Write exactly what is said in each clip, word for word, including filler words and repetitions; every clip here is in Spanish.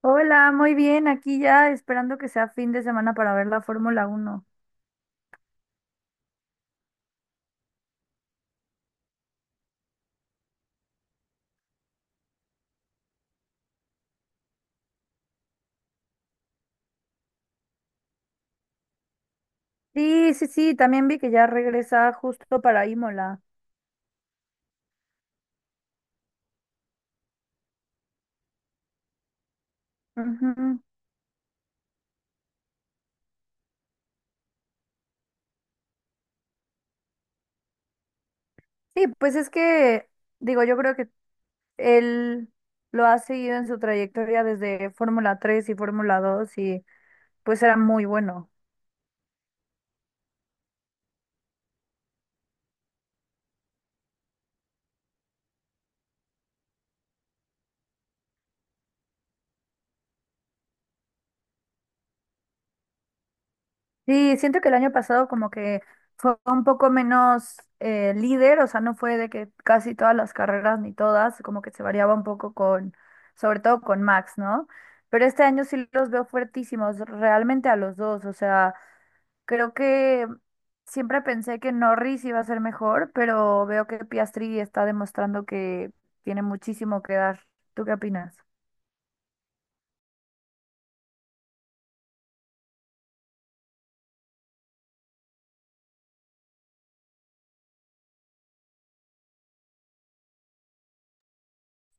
Hola, muy bien, aquí ya esperando que sea fin de semana para ver la Fórmula Uno. Sí, sí, sí, también vi que ya regresa justo para Imola. Ujú. Sí, pues es que, digo, yo creo que él lo ha seguido en su trayectoria desde Fórmula Tres y Fórmula Dos y pues era muy bueno. Sí, siento que el año pasado como que fue un poco menos eh, líder. O sea, no fue de que casi todas las carreras ni todas, como que se variaba un poco con, sobre todo con Max, ¿no? Pero este año sí los veo fuertísimos, realmente a los dos. O sea, creo que siempre pensé que Norris iba a ser mejor, pero veo que Piastri está demostrando que tiene muchísimo que dar. ¿Tú qué opinas?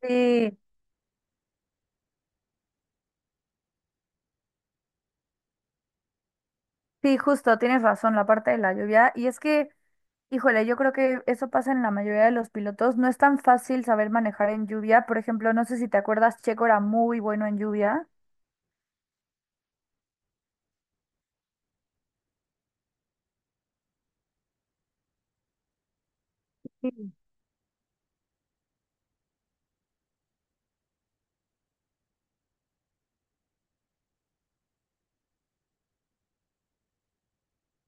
Sí, sí, justo, tienes razón, la parte de la lluvia. Y es que híjole, yo creo que eso pasa en la mayoría de los pilotos. No es tan fácil saber manejar en lluvia. Por ejemplo, no sé si te acuerdas, Checo era muy bueno en lluvia. Sí.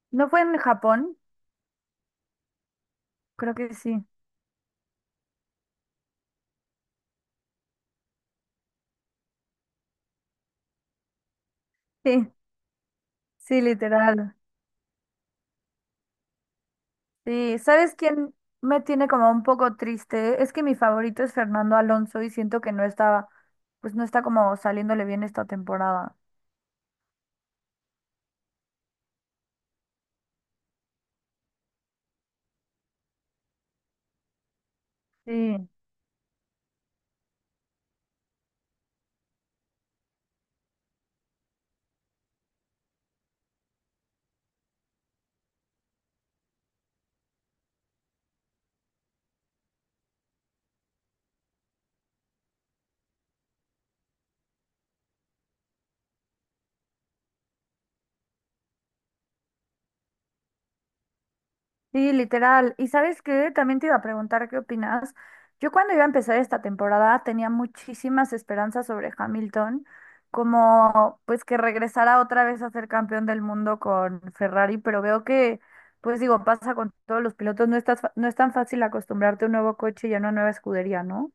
¿No fue en Japón? Creo que sí. Sí, sí, literal. Sí, ¿sabes quién me tiene como un poco triste? Es que mi favorito es Fernando Alonso y siento que no está, pues no está como saliéndole bien esta temporada. Sí. Sí, literal. ¿Y sabes qué? También te iba a preguntar qué opinas. Yo cuando iba a empezar esta temporada tenía muchísimas esperanzas sobre Hamilton, como pues que regresara otra vez a ser campeón del mundo con Ferrari, pero veo que, pues digo, pasa con todos los pilotos, no estás, fa- no es tan fácil acostumbrarte a un nuevo coche y a una nueva escudería, ¿no?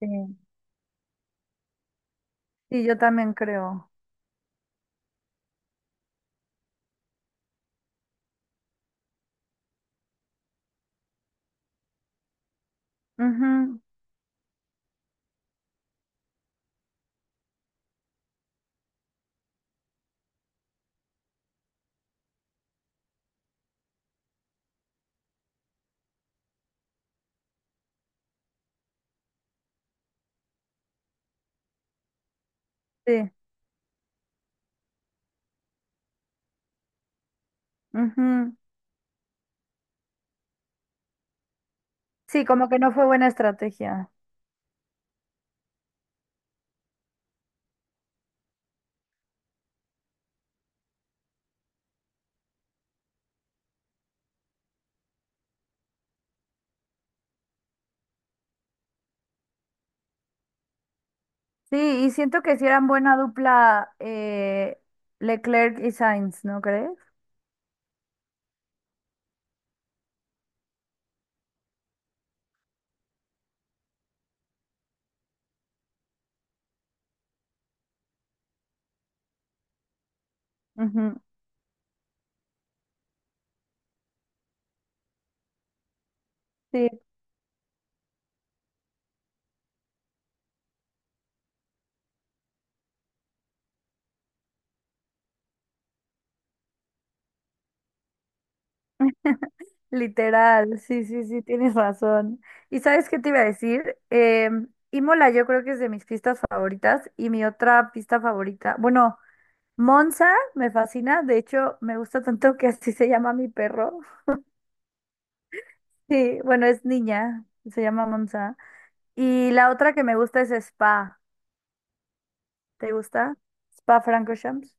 Sí. Sí, yo también creo. Ujú, sí, ujú. Sí, como que no fue buena estrategia. Sí, y siento que si eran buena dupla eh, Leclerc y Sainz, ¿no crees? Ujú, sí, literal, sí, sí, sí, tienes razón. ¿Y sabes qué te iba a decir? Eh, Imola yo creo que es de mis pistas favoritas y mi otra pista favorita, bueno, Monza me fascina, de hecho me gusta tanto que así se llama mi perro. Sí, bueno, es niña, se llama Monza. Y la otra que me gusta es Spa, ¿te gusta? Spa Francorchamps,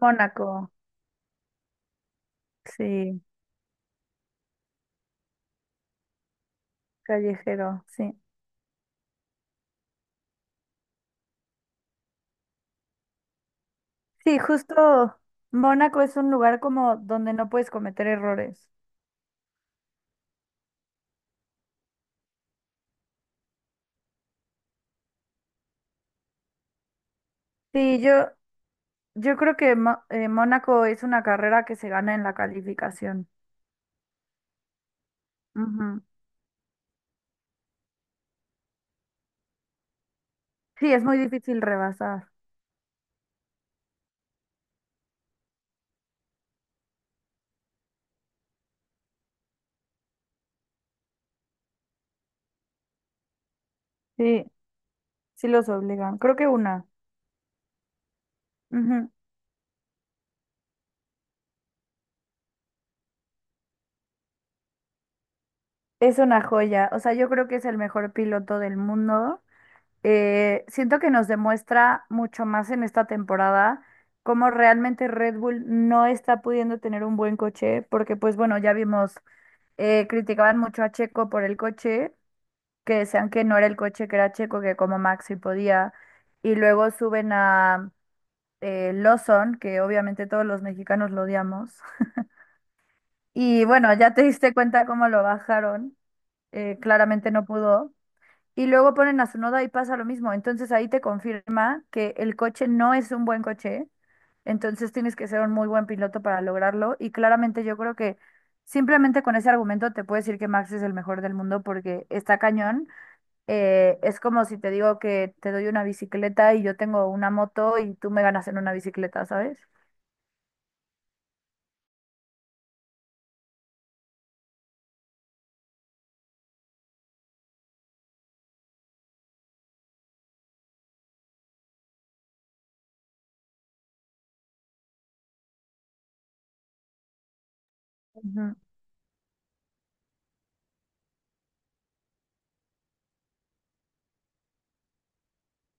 Mónaco, sí. Callejero, sí. Sí, justo Mónaco es un lugar como donde no puedes cometer errores. Sí, yo, yo creo que Mo- eh, Mónaco es una carrera que se gana en la calificación. Ujú. Sí, es muy difícil rebasar. Sí, sí los obligan. Creo que una. Ujú. Es una joya. O sea, yo creo que es el mejor piloto del mundo. Eh, siento que nos demuestra mucho más en esta temporada cómo realmente Red Bull no está pudiendo tener un buen coche, porque pues bueno, ya vimos eh, criticaban mucho a Checo por el coche, que decían que no era el coche, que era Checo, que como Max sí podía. Y luego suben a eh, Lawson, que obviamente todos los mexicanos lo odiamos. Y bueno, ya te diste cuenta cómo lo bajaron. Eh, claramente no pudo. Y luego ponen a noda y pasa lo mismo. Entonces ahí te confirma que el coche no es un buen coche. Entonces tienes que ser un muy buen piloto para lograrlo. Y claramente yo creo que simplemente con ese argumento te puedo decir que Max es el mejor del mundo porque está cañón. Eh, es como si te digo que te doy una bicicleta y yo tengo una moto y tú me ganas en una bicicleta, ¿sabes? Ujú.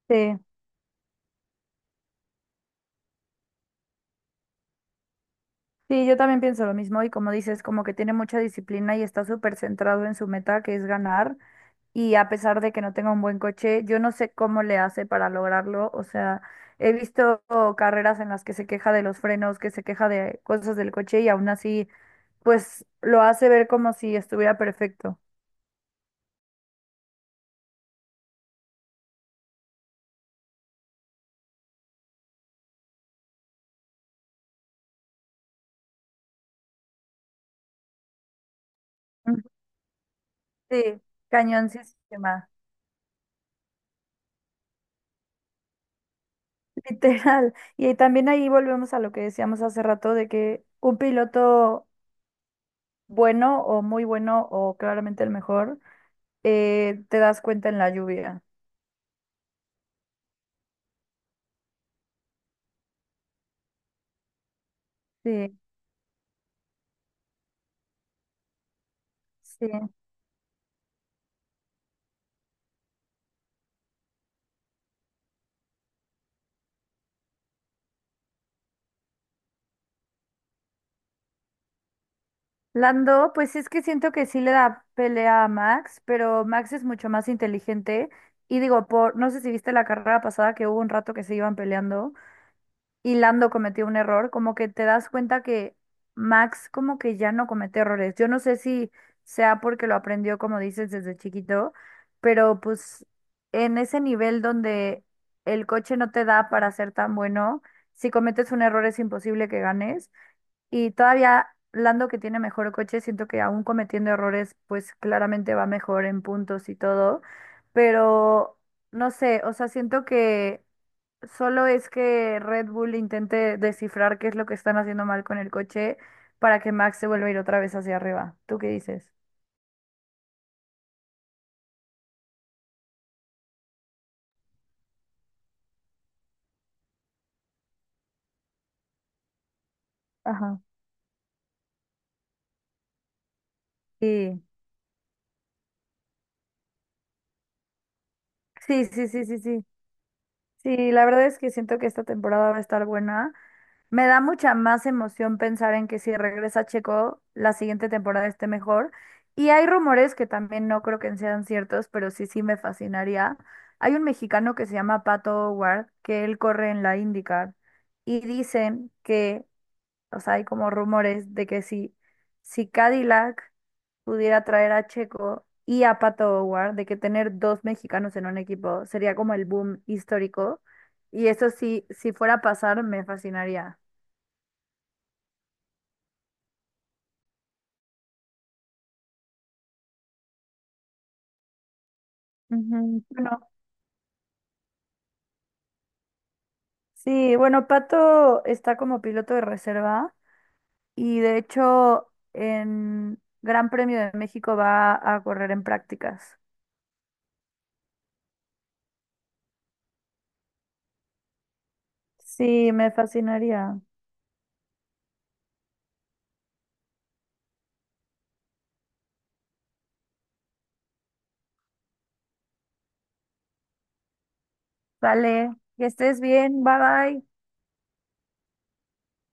Sí, sí, yo también pienso lo mismo y como dices, como que tiene mucha disciplina y está súper centrado en su meta, que es ganar. Y a pesar de que no tenga un buen coche, yo no sé cómo le hace para lograrlo. O sea, he visto carreras en las que se queja de los frenos, que se queja de cosas del coche y aún así, pues lo hace ver como si estuviera perfecto. Ujú. Sí, cañón sistema, literal. Y también ahí volvemos a lo que decíamos hace rato de que un piloto bueno o muy bueno o claramente el mejor, eh, te das cuenta en la lluvia. Sí, sí. Lando, pues es que siento que sí le da pelea a Max, pero Max es mucho más inteligente. Y digo, por, no sé si viste la carrera pasada que hubo un rato que se iban peleando y Lando cometió un error, como que te das cuenta que Max como que ya no comete errores. Yo no sé si sea porque lo aprendió, como dices, desde chiquito, pero pues en ese nivel donde el coche no te da para ser tan bueno, si cometes un error es imposible que ganes. Y todavía Lando que tiene mejor coche, siento que aún cometiendo errores, pues claramente va mejor en puntos y todo, pero no sé, o sea, siento que solo es que Red Bull intente descifrar qué es lo que están haciendo mal con el coche para que Max se vuelva a ir otra vez hacia arriba. ¿Tú qué dices? Ajá. Sí, sí, sí, sí, sí, sí. Sí, la verdad es que siento que esta temporada va a estar buena. Me da mucha más emoción pensar en que si regresa Checo, la siguiente temporada esté mejor. Y hay rumores que también no creo que sean ciertos, pero sí, sí me fascinaría. Hay un mexicano que se llama Pato Ward, que él corre en la IndyCar, y dicen que o sea, hay como rumores de que si, si Cadillac pudiera traer a Checo y a Pato O'Ward, de que tener dos mexicanos en un equipo sería como el boom histórico. Y eso sí, si fuera a pasar, me fascinaría. Ujú. Bueno, sí, bueno, Pato está como piloto de reserva y de hecho en Gran Premio de México va a correr en prácticas. Sí, me fascinaría. Vale, que estés bien, bye bye.